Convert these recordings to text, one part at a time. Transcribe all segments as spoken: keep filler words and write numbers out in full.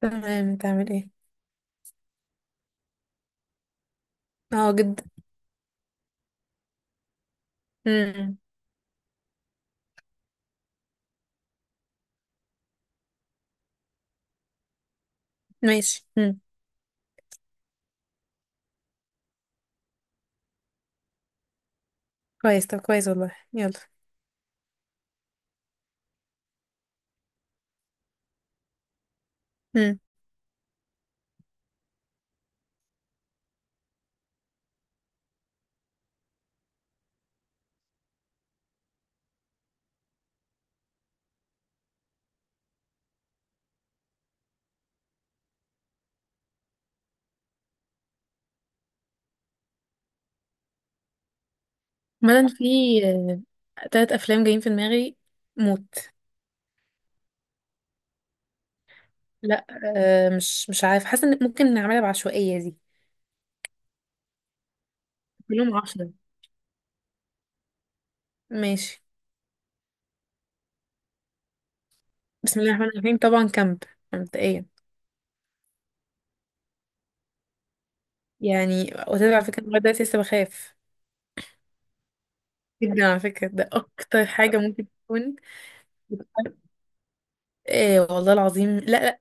تمام، تعمل ايه؟ اه، جدا. امم. ماشي، امم. كويس، طب كويس والله، يلا. امم. مثلا في آه، تلات افلام جايين في دماغي، موت. لا. آه مش مش عارف، حاسه ان ممكن نعملها بعشوائيه دي. كلهم عشرة. ماشي. بسم الله الرحمن الرحيم، طبعا كامب، مبدئيا. يعني وتدري على فكره، أنا لغاية دلوقتي لسه بخاف جدا على فكره، ده اكتر حاجه ممكن تكون. ايه والله العظيم، لا، لا.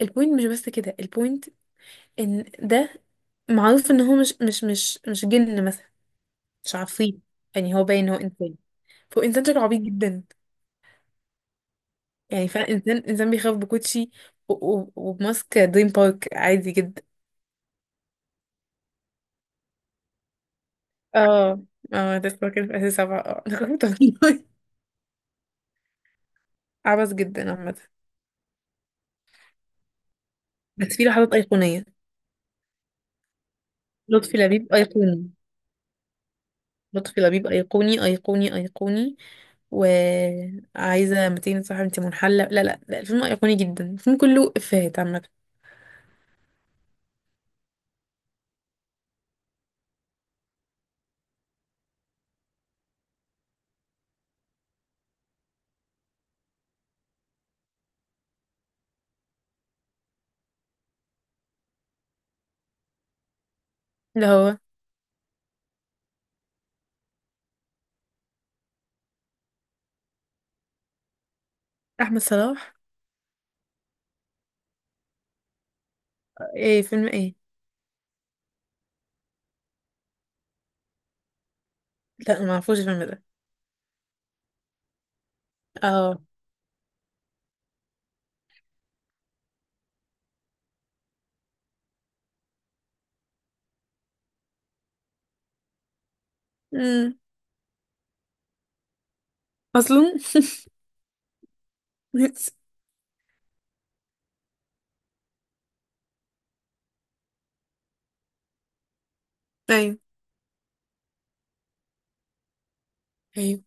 البوينت مش بس كده، البوينت ان ده معروف ان هو مش مش مش مش جن مثلا. مش عفريت، يعني هو باين ان هو انسان، فهو انسان شكله عبيط جدا. يعني فعلا انسان انسان بيخاف بكوتشي و- و- وبماسك دريم بارك عادي جدا. اه، اه، ده فاكر في اساس سبعة، اه انا خفت والله. عبث جدا عامة. بس في لحظات ايقونية. لطفي لبيب ايقوني، لطفي لبيب ايقوني ايقوني ايقوني. وعايزة ميتين صاحب، انت منحلة. لا، لا، لا، الفيلم ايقوني جدا، الفيلم كله افيهات عامة. اللي هو احمد صلاح، ايه فيلم ايه. لا، ما اعرفوش الفيلم ده. اه. امم. اصلا. ايوه، ايوه.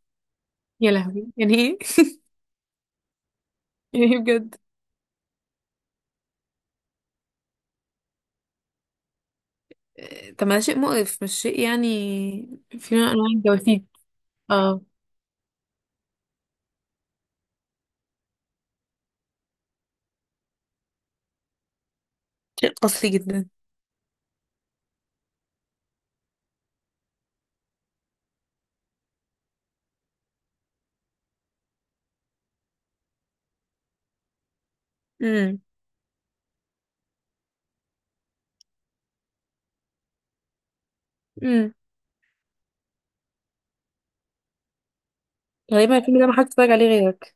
يا لهوي، يعني ايه، يعني ايه بجد. آه، طب ما ده شيء مقرف، مش شيء يعني. في نوع من انواع الجواسيس. اه. شيء قاسي جدا. امم، امم. غالبا الفيلم ده ما حدش اتفرج عليه غيرك.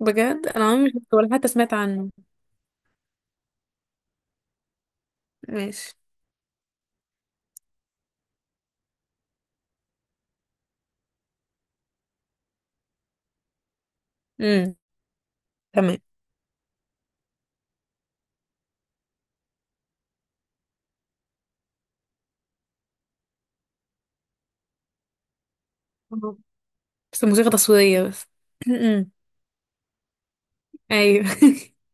بجد انا عمري ما شفته ولا حتى سمعت عنه. ماشي. امم. تمام. آه. بس الموسيقى تصويرية بس. امم. ايوه.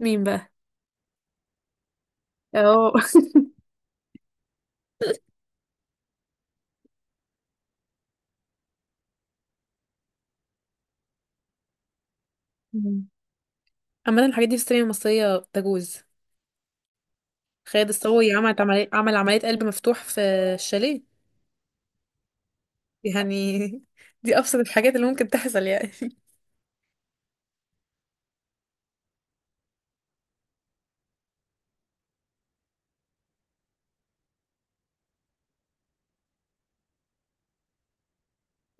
مين بقى؟ اه. أمم. عامة الحاجات دي في السينما المصرية تجوز. خالد الصاوي عملت عملية، عمل عملية قلب مفتوح في الشاليه. يعني. دي أبسط الحاجات اللي ممكن تحصل يعني.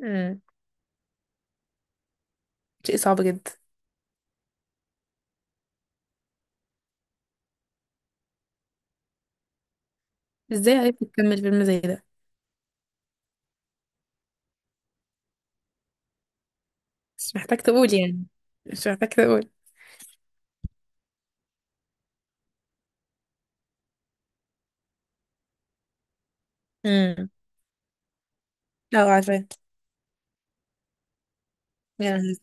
امم. شيء صعب جدا. ازاي عرفت تكمل فيلم زي ده؟ مش محتاج تقول يعني، مش محتاج تقول. امم. اه، عارفة. يعني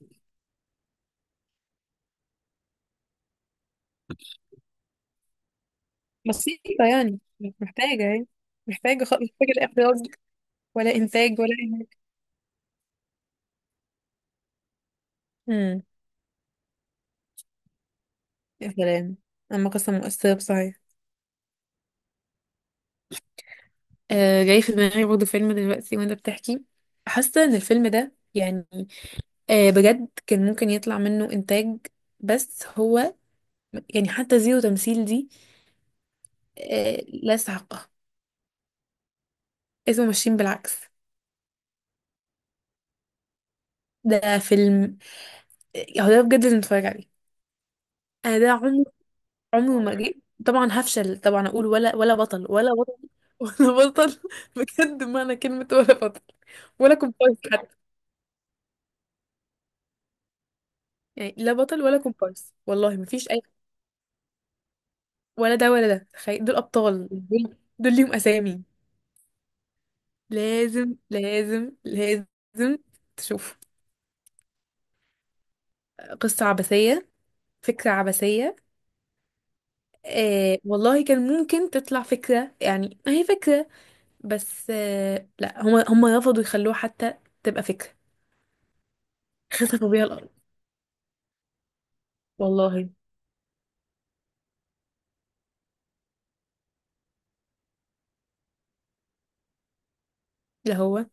بسيطة. يعني مش محتاجة يعني، محتاجة خ... مش محتاجة لا إخراج ولا إنتاج ولا أي حاجة. امم. يا سلام. أما قصة مؤثرة بصحيح. آه جاي في دماغي برضه فيلم دلوقتي وأنت بتحكي. حاسة إن الفيلم ده يعني آه بجد كان ممكن يطلع منه إنتاج. بس هو يعني حتى زيرو تمثيل دي آه لا يستحقها. اسمه ماشيين بالعكس. ده فيلم آه، هو ده بجد اللي نتفرج عليه. أنا ده عمري عمري ما جه. طبعا هفشل، طبعا أقول ولا ولا بطل ولا بطل. ولا بطل. بجد معنى كلمة ولا بطل ولا كومبارس حتى، يعني لا بطل ولا كومبارس والله، مفيش أي. ولا ده ولا ده، تخيل دول أبطال، دول دول ليهم أسامي. لازم، لازم، لازم تشوف. قصة عبثية، فكرة عبثية. آه والله كان ممكن تطلع فكرة، يعني هي فكرة، بس آه لا، هما هما رفضوا يخلوها حتى تبقى فكرة. خسفوا بيها الأرض والله. لا، هو.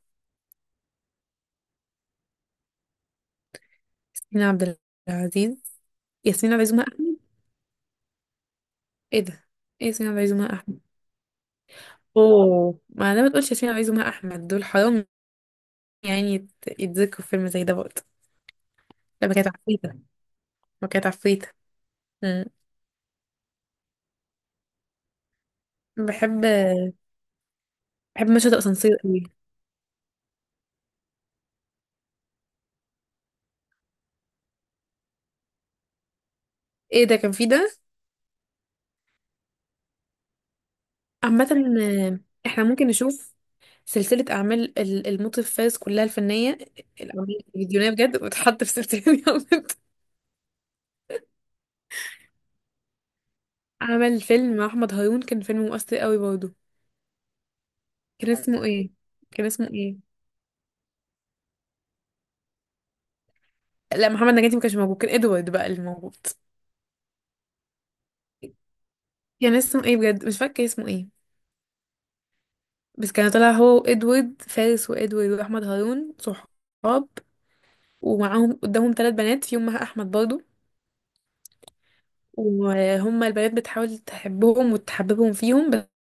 ياسمين عبد العزيز، ياسمين عبد العزيز ومها أحمد. ايه ده. ايه، ياسمين عبد العزيز ومها أحمد. اوه، ما انا ما تقولش ياسمين عبد العزيز ومها أحمد، دول حرام يعني. يت- يتذكروا في فيلم زي ده برضه لما كانت عفريتة، ما كانت عفريتة. مم. بحب بحب مشهد الأسانسير قوي. ايه ده كان فيه ده؟ عامة احنا ممكن نشوف سلسلة أعمال ال- المطرب فارس كلها الفنية، الأعمال الفيديونية بجد، وتحط في سلسلة. جامد. عمل فيلم مع أحمد هارون، كان فيلم مؤثر قوي برضه. كان اسمه ايه؟ كان اسمه ايه؟ لا، محمد نجاتي ما كانش موجود، كان ادوارد بقى اللي موجود. كان اسمه ايه بجد، مش فاكرة اسمه ايه. بس كان طالع هو وادوارد، فارس وادوارد وأحمد هارون صحاب، ومعاهم قدامهم ثلاث بنات فيهم مها أحمد برضه. وهما البنات بتحاول تحبهم وتحببهم فيهم، بس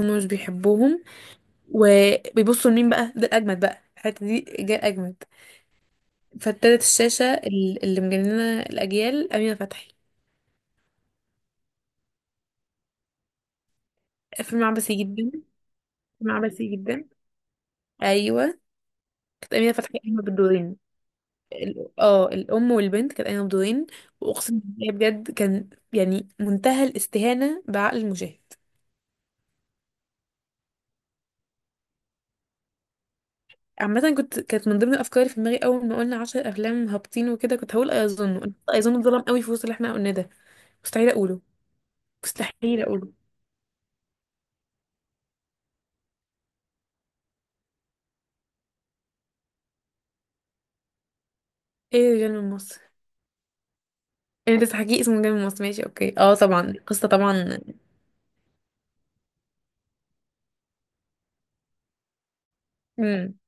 هم مش بيحبوهم. وبيبصوا لمين بقى؟ ده الأجمد، بقى الحتة دي جاية الأجمد. فابتدت الشاشة ال- اللي مجننة الأجيال أمينة فتحي. فيلم عبثي جدا، فيلم عبثي جدا. أيوه. كانت أمينة فتحي قايمة بالدورين، ال- اه الأم والبنت، كانت قايمة بدورين. وأقسم بالله بجد، كان يعني منتهى الاستهانة بعقل المشاهد. عامة كنت كانت من ضمن الأفكار في دماغي أول ما قلنا عشر أفلام هابطين وكده، كنت هقول أيظنه أيظنه اتظلم قوي في وسط اللي احنا قلناه ده. مستحيل أقوله. مستحيل أقوله. ايه، رجال من مصر. انت تحكي اسمه رجال من مصر، ماشي اوكي، اه طبعا، قصة طبعا. امم.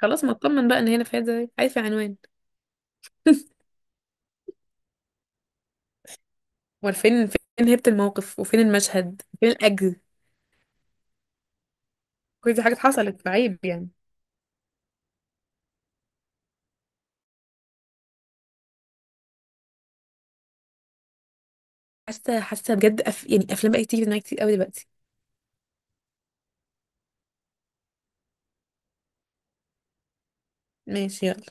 خلاص، ما اطمن بقى ان هنا فيها زي عارف العنوان. امال فين فين هيبة الموقف، وفين المشهد، فين الاجر. كل دي حاجات حصلت، فعيب يعني. حاسه حاسه بجد أف... يعني افلام بقت تيجي في دماغي كتير قوي دلوقتي. ماشي، يلا.